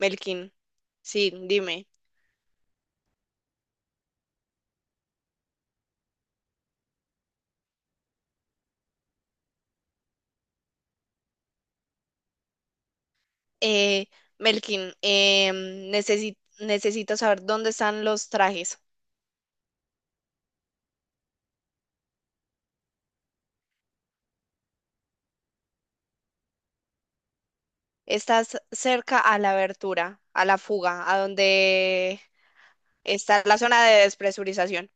Melkin, sí, dime. Eh, Melkin, necesito saber dónde están los trajes. ¿Estás cerca a la abertura, a la fuga, a donde está la zona de despresurización?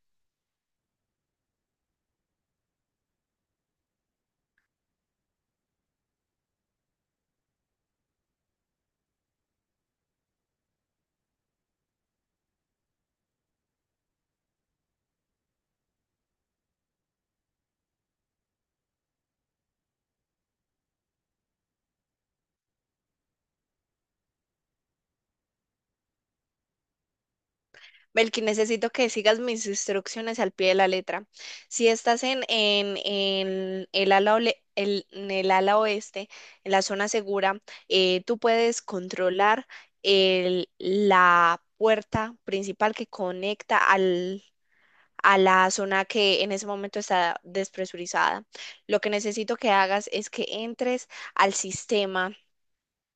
Belkin, necesito que sigas mis instrucciones al pie de la letra. Si estás en el ala, en el ala oeste, en la zona segura, tú puedes controlar la puerta principal que conecta a la zona que en ese momento está despresurizada. Lo que necesito que hagas es que entres al sistema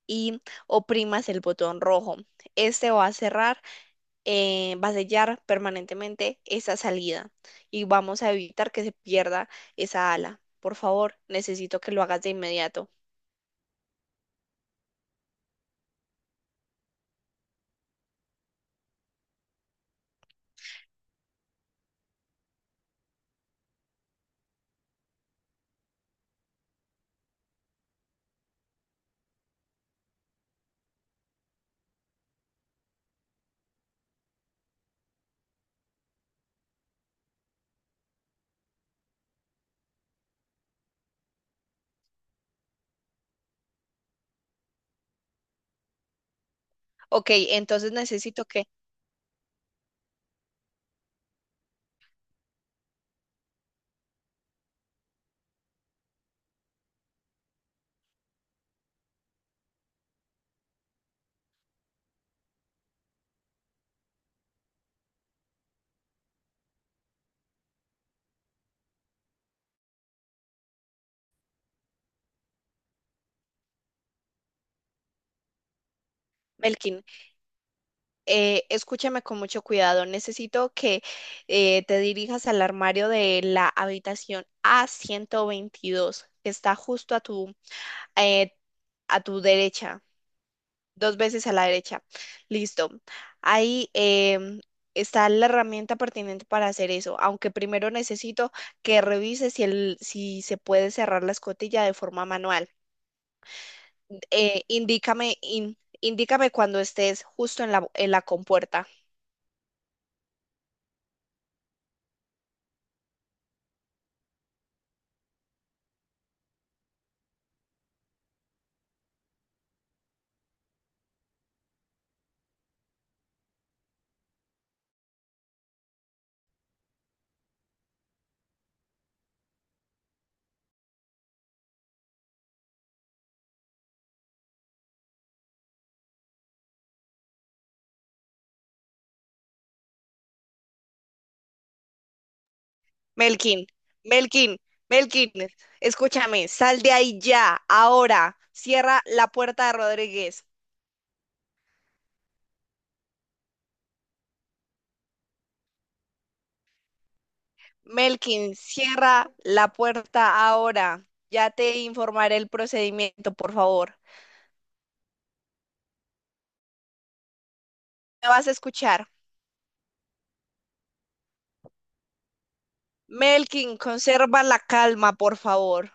y oprimas el botón rojo. Este va a cerrar, va a sellar permanentemente esa salida y vamos a evitar que se pierda esa ala. Por favor, necesito que lo hagas de inmediato. Ok, entonces necesito que, Melkin, escúchame con mucho cuidado. Necesito que te dirijas al armario de la habitación A122, que está justo eh, a tu derecha. Dos veces a la derecha. Listo. Ahí está la herramienta pertinente para hacer eso, aunque primero necesito que revise si se puede cerrar la escotilla de forma manual. Indícame cuando estés justo en la compuerta. Melkin, Melkin, Melkin, escúchame, sal de ahí ya, ahora. Cierra la puerta de Rodríguez. Melkin, cierra la puerta ahora. Ya te informaré el procedimiento, por favor. Me vas a escuchar. Melkin, conserva la calma, por favor.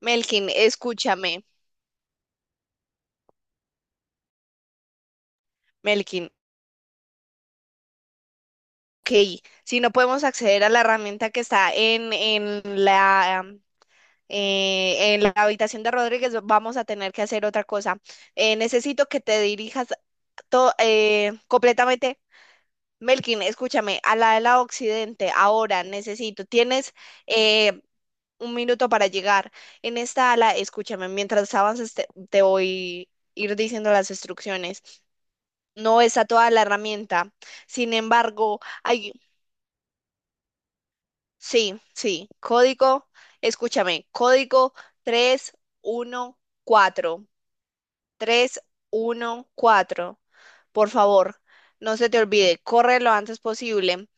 Melkin, escúchame. Melkin, ok. Si no podemos acceder a la herramienta que está en la habitación de Rodríguez, vamos a tener que hacer otra cosa. Necesito que te dirijas completamente Melkin, escúchame, a la de la Occidente, ahora necesito, tienes eh, un minuto para llegar. En esta ala, escúchame, mientras avances te voy a ir diciendo las instrucciones. No está toda la herramienta. Sin embargo, hay, sí, sí, código, escúchame, código 314, 314. Por favor, no se te olvide, corre lo antes posible.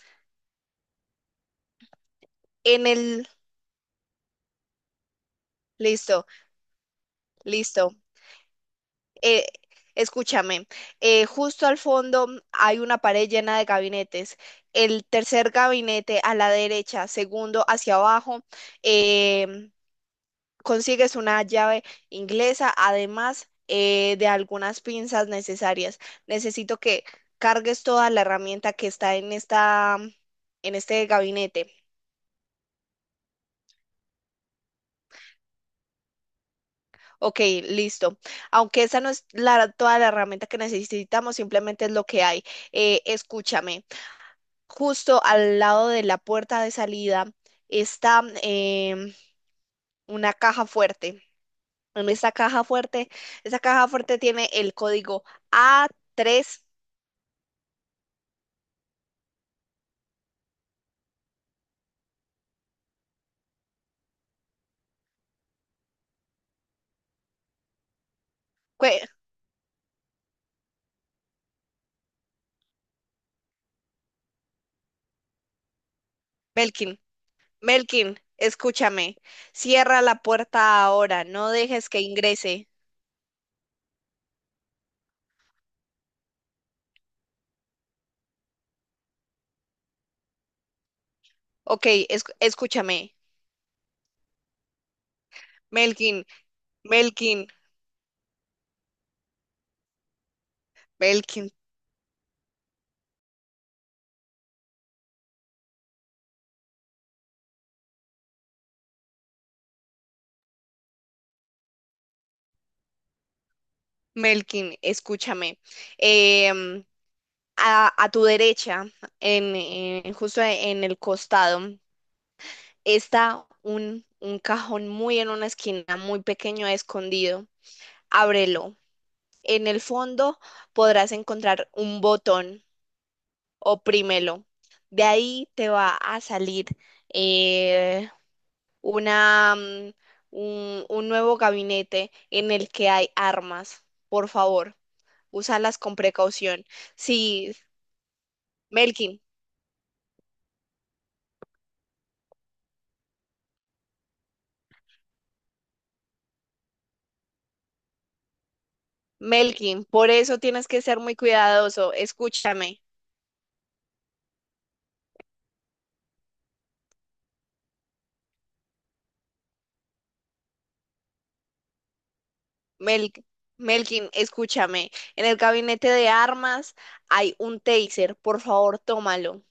En el, listo. Listo. eh, escúchame, justo al fondo hay una pared llena de gabinetes. El tercer gabinete a la derecha, segundo hacia abajo, em, consigues una llave inglesa, además de algunas pinzas necesarias. Necesito que cargues toda la herramienta que está en esta, en este gabinete. Ok, listo. Aunque esa no es la, toda la herramienta que necesitamos, simplemente es lo que hay. Escúchame. Justo al lado de la puerta de salida está una caja fuerte. En esta caja fuerte, esa caja fuerte tiene el código a tres. Cue- Melkin, Melkin, escúchame. Cierra la puerta ahora, no dejes que ingrese. Ok, escúchame. Melkin, Melkin, Melkin, Melkin, escúchame. Em, a tu derecha, en, justo en el costado. Está un cajón muy en una esquina, muy pequeño, escondido. Ábrelo. En el fondo podrás encontrar un botón. Oprímelo. De ahí te va a salir eh, una, un nuevo gabinete en el que hay armas. Por favor, úsalas con precaución. Sí, Melkin, Melkin, por eso tienes que ser muy cuidadoso. Escúchame. Mel- Melkin, escúchame. En el gabinete de armas hay un taser. Por favor, tómalo.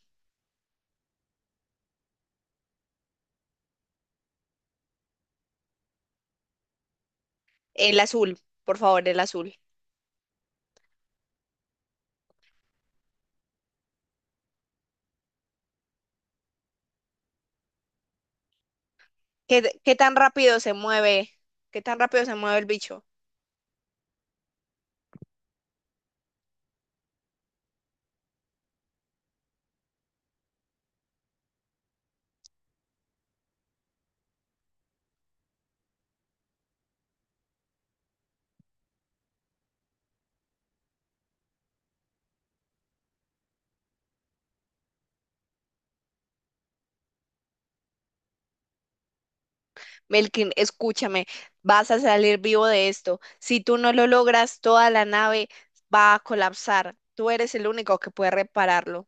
El azul, por favor, el azul. ¿Qué tan rápido se mueve? ¿Qué tan rápido se mueve el bicho? Melkin, escúchame. Vas a salir vivo de esto. Si tú no lo logras, toda la nave va a colapsar. Tú eres el único que puede repararlo.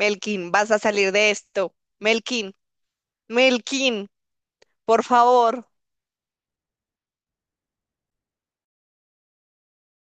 Melkin, vas a salir de esto. Melkin, Melkin, por favor.